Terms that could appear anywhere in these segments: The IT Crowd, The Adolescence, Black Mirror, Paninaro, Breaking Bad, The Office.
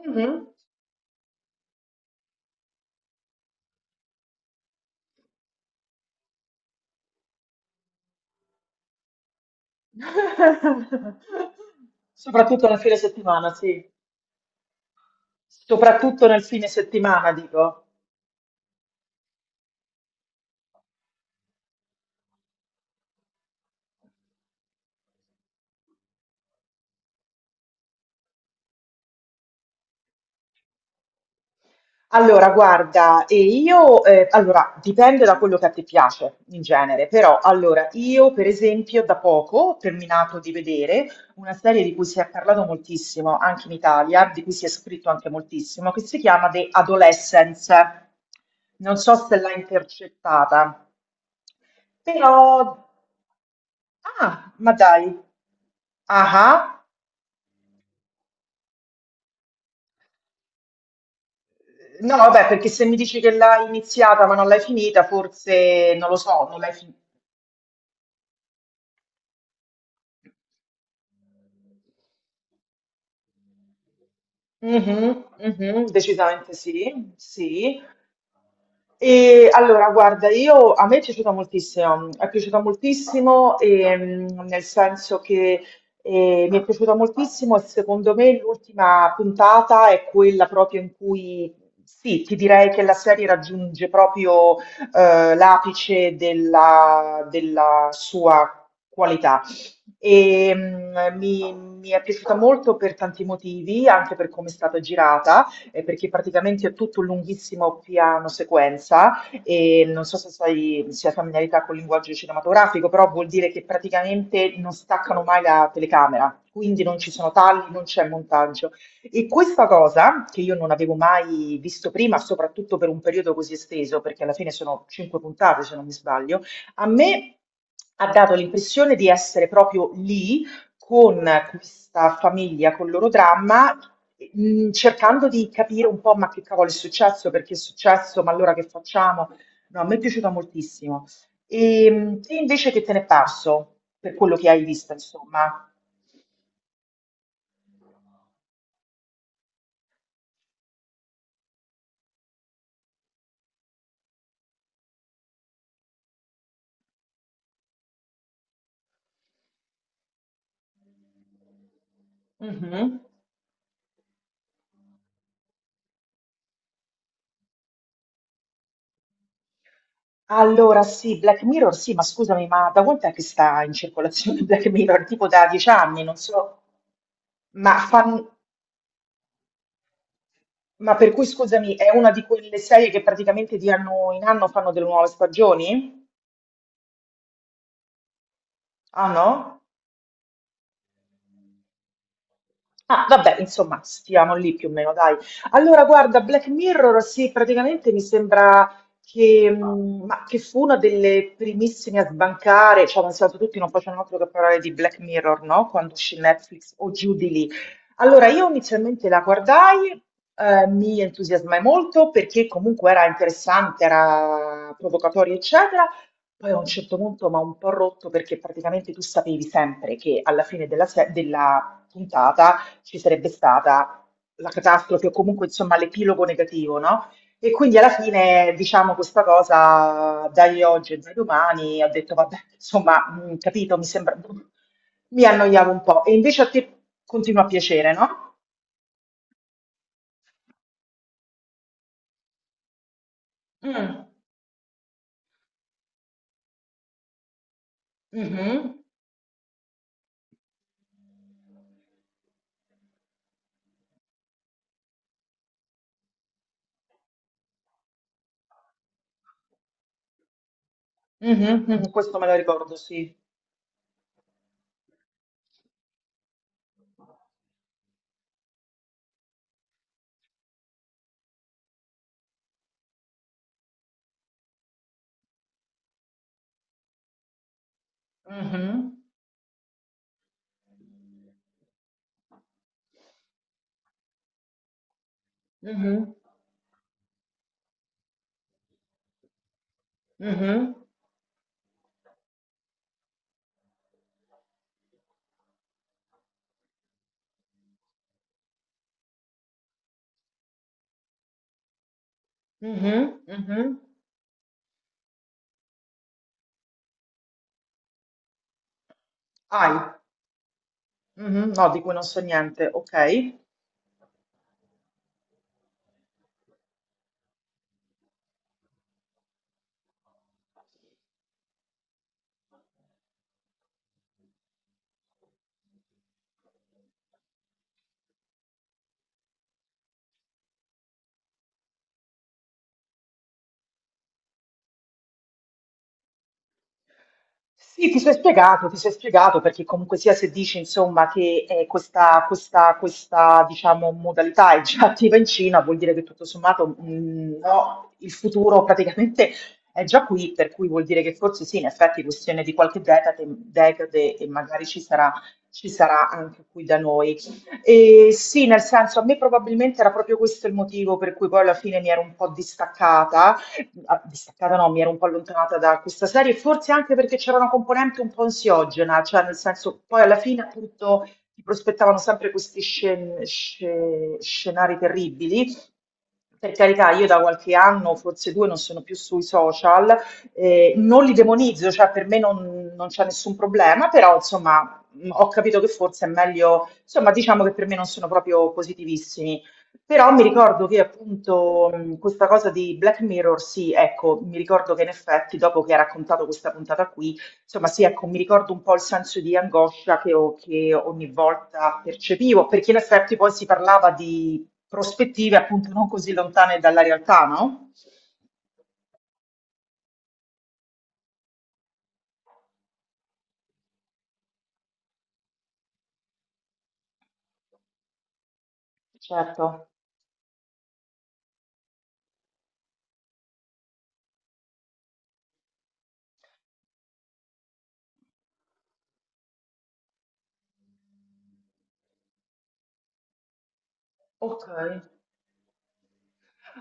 Mh-mh. Soprattutto nel fine settimana, sì. Soprattutto nel fine settimana, dico. Allora guarda, e io allora dipende da quello che a te piace in genere, però allora io per esempio da poco ho terminato di vedere una serie di cui si è parlato moltissimo anche in Italia, di cui si è scritto anche moltissimo, che si chiama The Adolescence. Non so se l'hai intercettata. Però. Ah, ma dai. Ah, ah. No, vabbè, perché se mi dici che l'hai iniziata ma non l'hai finita, forse non lo so, non l'hai finita. Mhm, mhm, decisamente sì, sì. E allora, guarda, io, a me è piaciuta moltissimo nel senso che mi è piaciuta moltissimo e secondo me l'ultima puntata è quella proprio in cui, sì, ti direi che la serie raggiunge proprio l'apice della sua qualità. E, mi è piaciuta molto per tanti motivi, anche per come è stata girata perché praticamente è tutto un lunghissimo piano sequenza e non so se sai, se hai familiarità col linguaggio cinematografico, però vuol dire che praticamente non staccano mai la telecamera, quindi non ci sono tagli, non c'è montaggio. E questa cosa, che io non avevo mai visto prima, soprattutto per un periodo così esteso, perché alla fine sono cinque puntate, se non mi sbaglio, a me ha dato l'impressione di essere proprio lì con questa famiglia, con il loro dramma cercando di capire un po', ma che cavolo è successo, perché è successo, ma allora che facciamo? No, mi è piaciuta moltissimo. E, te invece che te ne è parso, per quello che hai visto, insomma? Mhm. Allora, sì, Black Mirror, sì, ma scusami, ma da quant'è che sta in circolazione Black Mirror? Tipo da 10 anni, non so, ma, fan- ma per cui, scusami, è una di quelle serie che praticamente di anno in anno fanno delle nuove stagioni? Ah no? Ah, vabbè, insomma, stiamo lì più o meno, dai. Allora, guarda, Black Mirror, sì, praticamente mi sembra che, ma che fu una delle primissime a sbancare, cioè, nel senso, tutti non facevano altro che parlare di Black Mirror, no? Quando uscì Netflix o giù di lì. Allora, io inizialmente la guardai, mi entusiasmai molto perché comunque era interessante, era provocatoria, eccetera. Poi a un certo punto mi ha un po' rotto perché praticamente tu sapevi sempre che alla fine della, se- della puntata ci sarebbe stata la catastrofe o comunque insomma l'epilogo negativo, no? E quindi alla fine diciamo questa cosa dai oggi e dai domani, ho detto vabbè, insomma, capito, mi sembra, mi annoiavo un po'. E invece a te continua a piacere, no? Mm, mhm, mhm, mhm, questo me lo ricordo, sì. Mhm, mhm, mhm, mhm, mhm. Ai, mhm, no, di cui non so niente, ok. Sì, ti sei spiegato perché comunque sia se dici insomma che questa diciamo, modalità è già attiva in Cina, vuol dire che tutto sommato no, il futuro praticamente è già qui, per cui vuol dire che forse sì, in effetti è questione di qualche decade e magari ci sarà anche qui da noi. E sì, nel senso, a me probabilmente era proprio questo il motivo per cui poi alla fine mi ero un po' distaccata che ah, distaccata no, mi ero un po' allontanata da questa serie, forse anche perché c'era una componente un po' ansiogena, cioè nel senso, poi alla fine appunto ti prospettavano sempre questi scenari terribili. Per carità, io da qualche anno, forse due, non sono più sui social, non li demonizzo, cioè per me non c'è nessun problema, però insomma ho capito che forse è meglio, insomma diciamo che per me non sono proprio positivissimi. Però mi ricordo che appunto questa cosa di Black Mirror, sì, ecco, mi ricordo che in effetti dopo che ha raccontato questa puntata qui, insomma sì, ecco, mi ricordo un po' il senso di angoscia che ogni volta percepivo, perché in effetti poi si parlava di prospettive appunto non così lontane dalla realtà, no? Certo. Ok.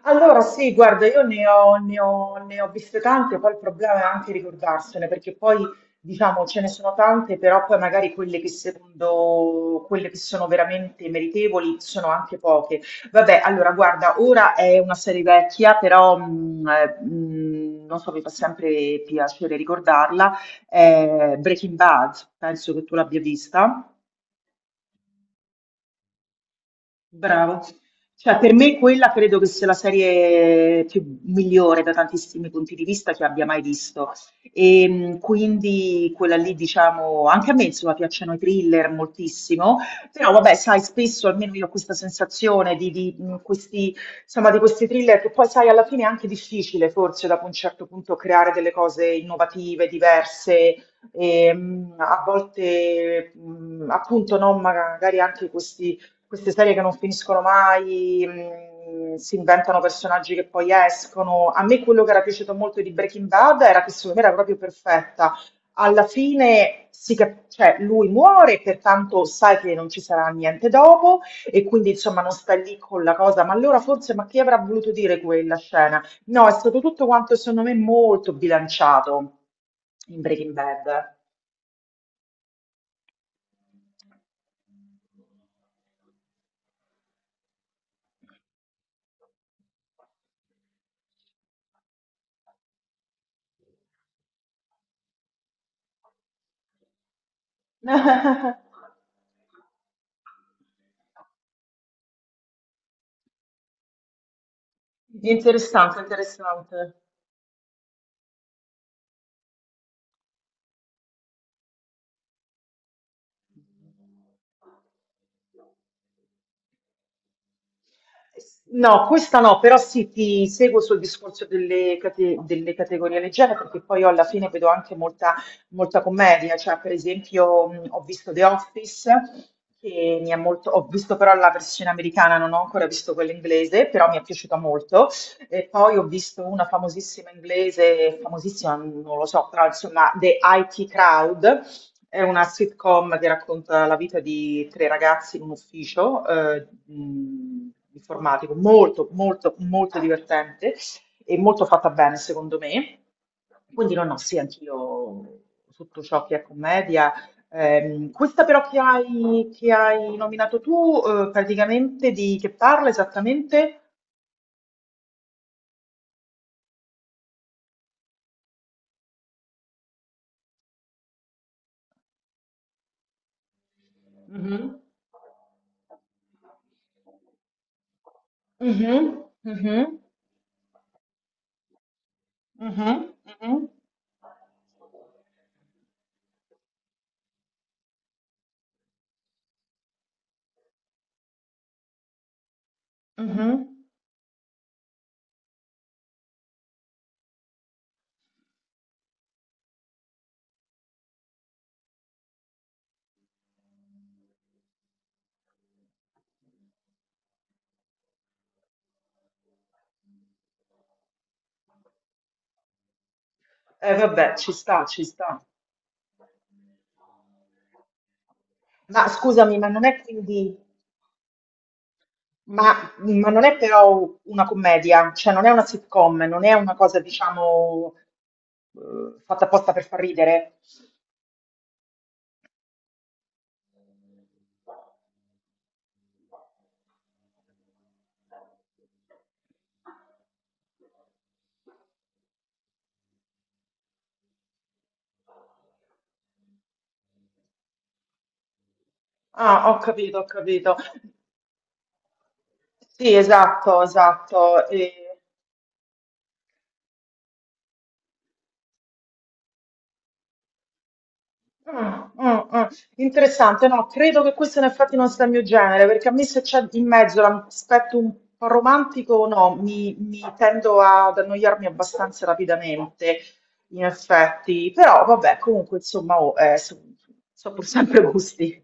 Allora sì, guarda, io ne ho viste tante, poi il problema è anche ricordarsene, perché poi diciamo ce ne sono tante, però poi magari quelle che secondo quelle che sono veramente meritevoli sono anche poche. Vabbè, allora guarda, ora è una serie vecchia, però non so, mi fa sempre piacere ricordarla, è Breaking Bad, penso che tu l'abbia vista. Bravo. Cioè, per me quella credo che sia la serie più migliore da tantissimi punti di vista che abbia mai visto. E quindi quella lì, diciamo, anche a me insomma piacciono i thriller moltissimo, però vabbè, sai, spesso almeno io ho questa sensazione di questi, insomma, di questi thriller che poi sai, alla fine è anche difficile forse dopo un certo punto creare delle cose innovative, diverse e, a volte appunto no, magari anche questi queste serie che non finiscono mai, si inventano personaggi che poi escono. A me quello che era piaciuto molto di Breaking Bad era che secondo me era proprio perfetta. Alla fine cioè, lui muore, pertanto sai che non ci sarà niente dopo e quindi insomma non sta lì con la cosa, ma allora forse ma chi avrà voluto dire quella scena? No, è stato tutto quanto secondo me molto bilanciato in Breaking Bad. Interessante, interessante. No, questa no, però sì, ti seguo sul discorso delle categorie leggere perché poi io alla fine vedo anche molta, molta commedia, cioè per esempio ho visto The Office, che mi è molto, ho visto però la versione americana, non ho ancora visto quella inglese, però mi è piaciuta molto, e poi ho visto una famosissima inglese, famosissima non lo so, però insomma The IT Crowd, è una sitcom che racconta la vita di tre ragazzi in un ufficio informatico, molto, molto, molto divertente e molto fatta bene, secondo me. Quindi no, no, sì, anch'io tutto ciò che è commedia. Questa però che hai, nominato tu, praticamente di che parla esattamente? Mhm. Mhm, mhm, mhm, mhm, mhm. Vabbè, ci sta, ci sta. Ma scusami, ma non è quindi, ma non è però una commedia, cioè non è una sitcom, non è una cosa, diciamo, fatta apposta per far ridere. Ah, ho capito, ho capito. Sì, esatto, esatto. Ah, ah, ah. Interessante, no, credo che questo in effetti non sia il mio genere, perché a me se c'è in mezzo l'aspetto un po' romantico, no, mi tendo ad annoiarmi abbastanza rapidamente, in effetti, però vabbè, comunque insomma, oh, so pur sempre gusti.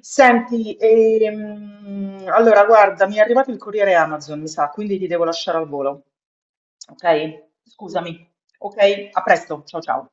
Senti, allora guarda, mi è arrivato il corriere Amazon, mi sa, quindi ti devo lasciare al volo, ok? Scusami, ok? A presto, ciao ciao.